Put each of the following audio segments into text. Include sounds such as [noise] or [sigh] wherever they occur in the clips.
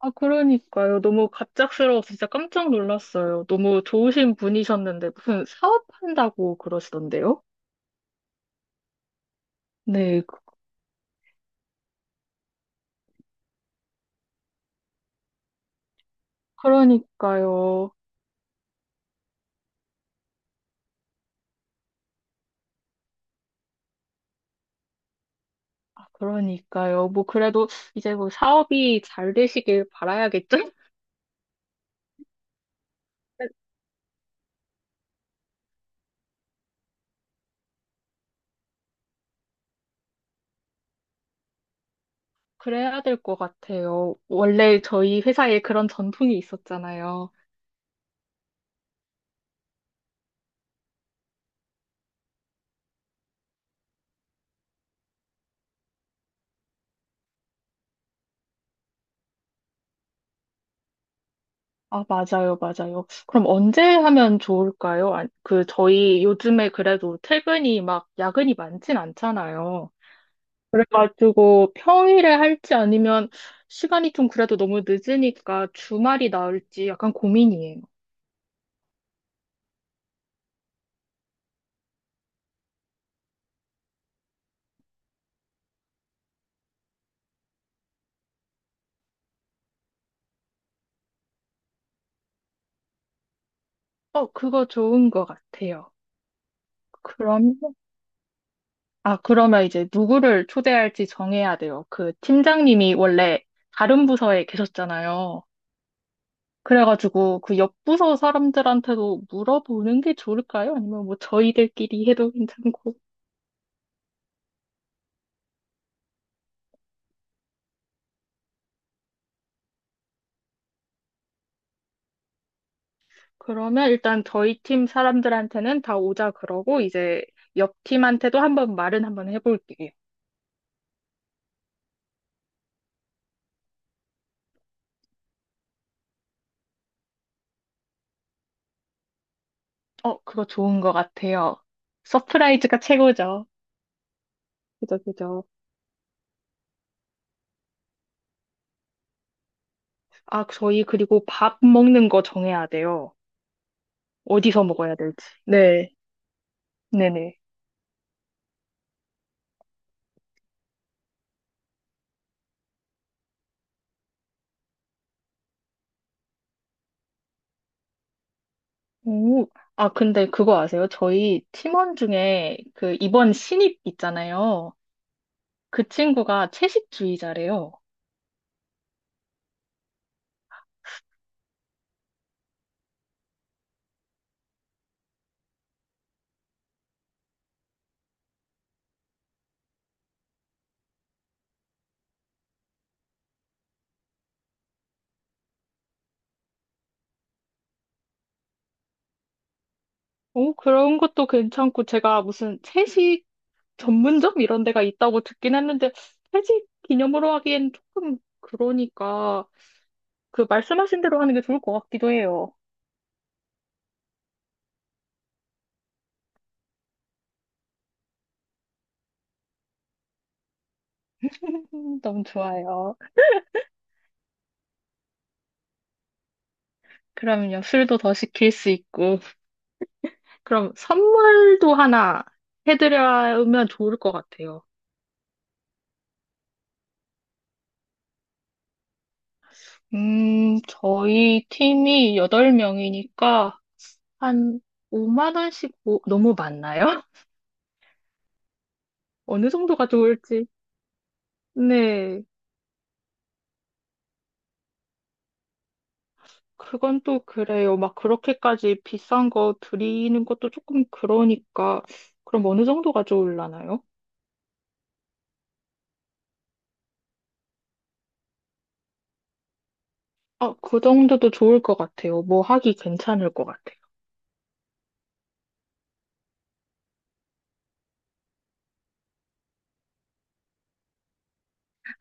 아, 그러니까요. 너무 갑작스러워서 진짜 깜짝 놀랐어요. 너무 좋으신 분이셨는데 무슨 사업한다고 그러시던데요? 네, 그- 그러니까요. 아, 그러니까요. 뭐 그래도 이제 뭐 사업이 잘 되시길 바라야겠죠? [laughs] 그래야 될 것 같아요. 원래 저희 회사에 그런 전통이 있었잖아요. 아, 맞아요, 맞아요. 그럼 언제 하면 좋을까요? 아, 그, 저희 요즘에 그래도 퇴근이 막 야근이 많진 않잖아요. 그래가지고 평일에 할지 아니면 시간이 좀 그래도 너무 늦으니까 주말이 나을지 약간 고민이에요. 어, 그거 좋은 것 같아요. 그럼, 아, 그러면 이제 누구를 초대할지 정해야 돼요. 그 팀장님이 원래 다른 부서에 계셨잖아요. 그래가지고 그 옆 부서 사람들한테도 물어보는 게 좋을까요? 아니면 뭐 저희들끼리 해도 괜찮고. 그러면 일단 저희 팀 사람들한테는 다 오자 그러고 이제 옆 팀한테도 한번 말은 한번 해볼게요. 어, 그거 좋은 것 같아요. 서프라이즈가 최고죠. 그죠, 그죠. 아, 저희 그리고 밥 먹는 거 정해야 돼요. 어디서 먹어야 될지. 네, 네네. 오, 아, 근데 그거 아세요? 저희 팀원 중에 그 이번 신입 있잖아요. 그 친구가 채식주의자래요. 오, 그런 것도 괜찮고, 제가 무슨 채식 전문점 이런 데가 있다고 듣긴 했는데 회식 기념으로 하기엔 조금 그러니까 그 말씀하신 대로 하는 게 좋을 것 같기도 해요. [laughs] 너무 좋아요. 그럼요. 술도 더 시킬 수 있고. 그럼 선물도 하나 해드리면 좋을 것 같아요. 저희 팀이 8명이니까 한 5만 원씩 너무 많나요? [laughs] 어느 정도가 좋을지. 네. 그건 또 그래요. 막 그렇게까지 비싼 거 드리는 것도 조금 그러니까 그럼 어느 정도가 좋을라나요? 아, 그 정도도 좋을 것 같아요. 뭐 하기 괜찮을 것 같아요.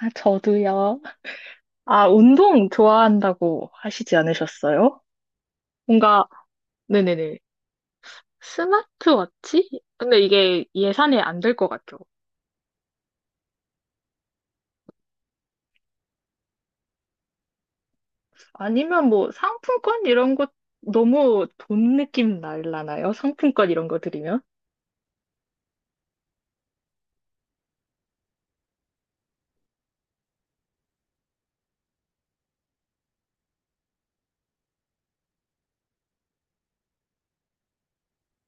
아, 저도요. 아, 운동 좋아한다고 하시지 않으셨어요? 뭔가, 네네네. 스마트워치? 근데 이게 예산에 안 될 것 같죠. 아니면 뭐 상품권 이런 거 너무 돈 느낌 날라나요? 상품권 이런 거 드리면?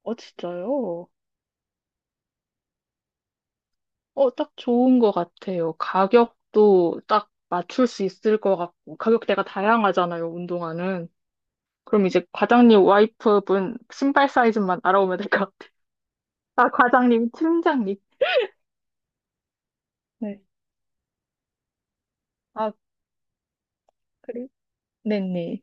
어, 진짜요? 어, 딱 좋은 것 같아요. 가격도 딱 맞출 수 있을 것 같고, 가격대가 다양하잖아요, 운동화는. 그럼 이제 과장님 와이프분 신발 사이즈만 알아보면 될 것 같아요. 아, 과장님, 팀장님. 네. 아, 그래? 네네.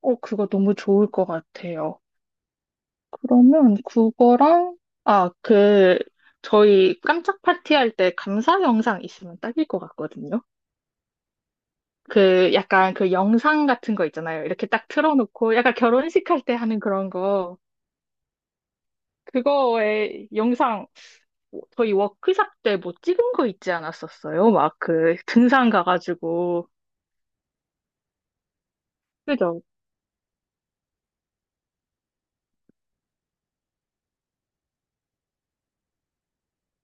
어, 그거 너무 좋을 것 같아요. 그러면 그거랑, 아, 그, 저희 깜짝 파티할 때 감사 영상 있으면 딱일 것 같거든요. 그 약간 그 영상 같은 거 있잖아요. 이렇게 딱 틀어놓고 약간 결혼식 할 때 하는 그런 거. 그거에 영상 저희 워크샵 때 뭐 찍은 거 있지 않았었어요? 막 그 등산 가가지고 그죠?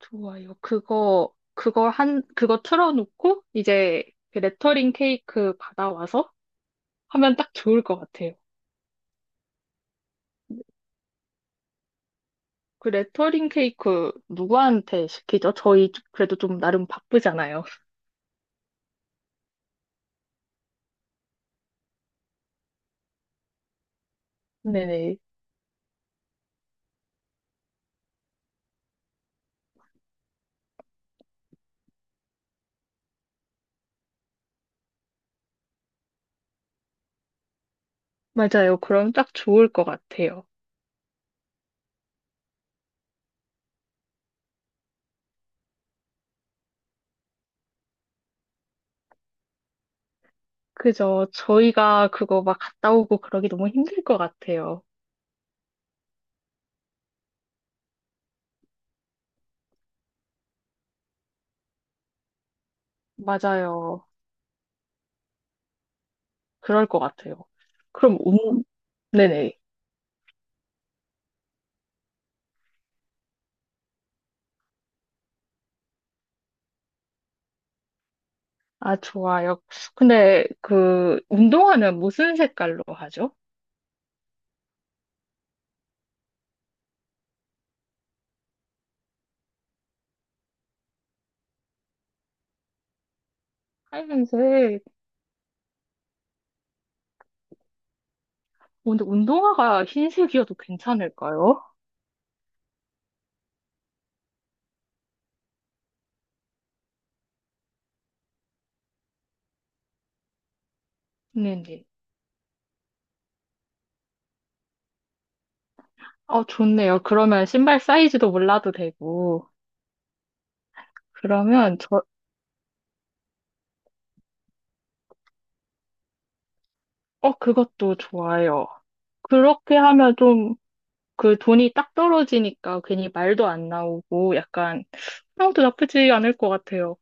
좋아요. 그거 틀어놓고 이제 그 레터링 케이크 받아와서 하면 딱 좋을 것 같아요. 그 레터링 케이크 누구한테 시키죠? 저희 그래도 좀 나름 바쁘잖아요. [laughs] 네네. 맞아요. 그럼 딱 좋을 것 같아요. 그죠. 저희가 그거 막 갔다 오고 그러기 너무 힘들 것 같아요. 맞아요. 그럴 것 같아요. 그럼, 운, 네네. 아, 좋아요. 근데 그, 운동화는 무슨 색깔로 하죠? 하얀색. 근데 운동화가 흰색이어도 괜찮을까요? 네네. 어, 좋네요. 그러면 신발 사이즈도 몰라도 되고. 그러면 저, 어, 그것도 좋아요. 그렇게 하면 좀 그 돈이 딱 떨어지니까 괜히 말도 안 나오고 약간 아무도 나쁘지 않을 것 같아요.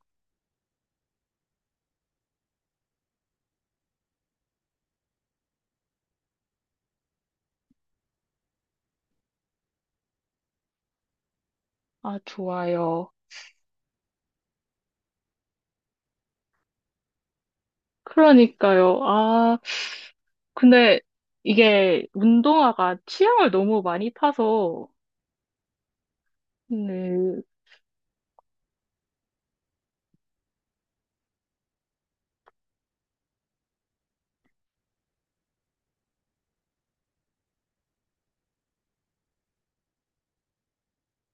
아, 좋아요. 그러니까요. 아, 근데 이게 운동화가 취향을 너무 많이 타서, 네,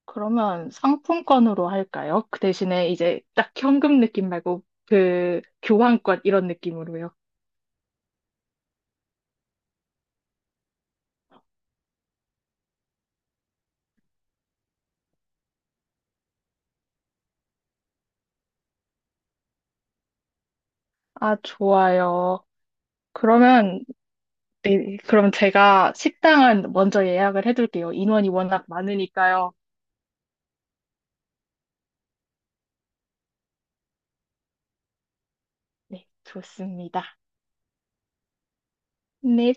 그러면 상품권으로 할까요? 그 대신에 이제 딱 현금 느낌 말고 그 교환권 이런 느낌으로요. 아, 좋아요. 그러면, 네, 그럼 제가 식당은 먼저 예약을 해둘게요. 인원이 워낙 많으니까요. 네, 좋습니다. 네,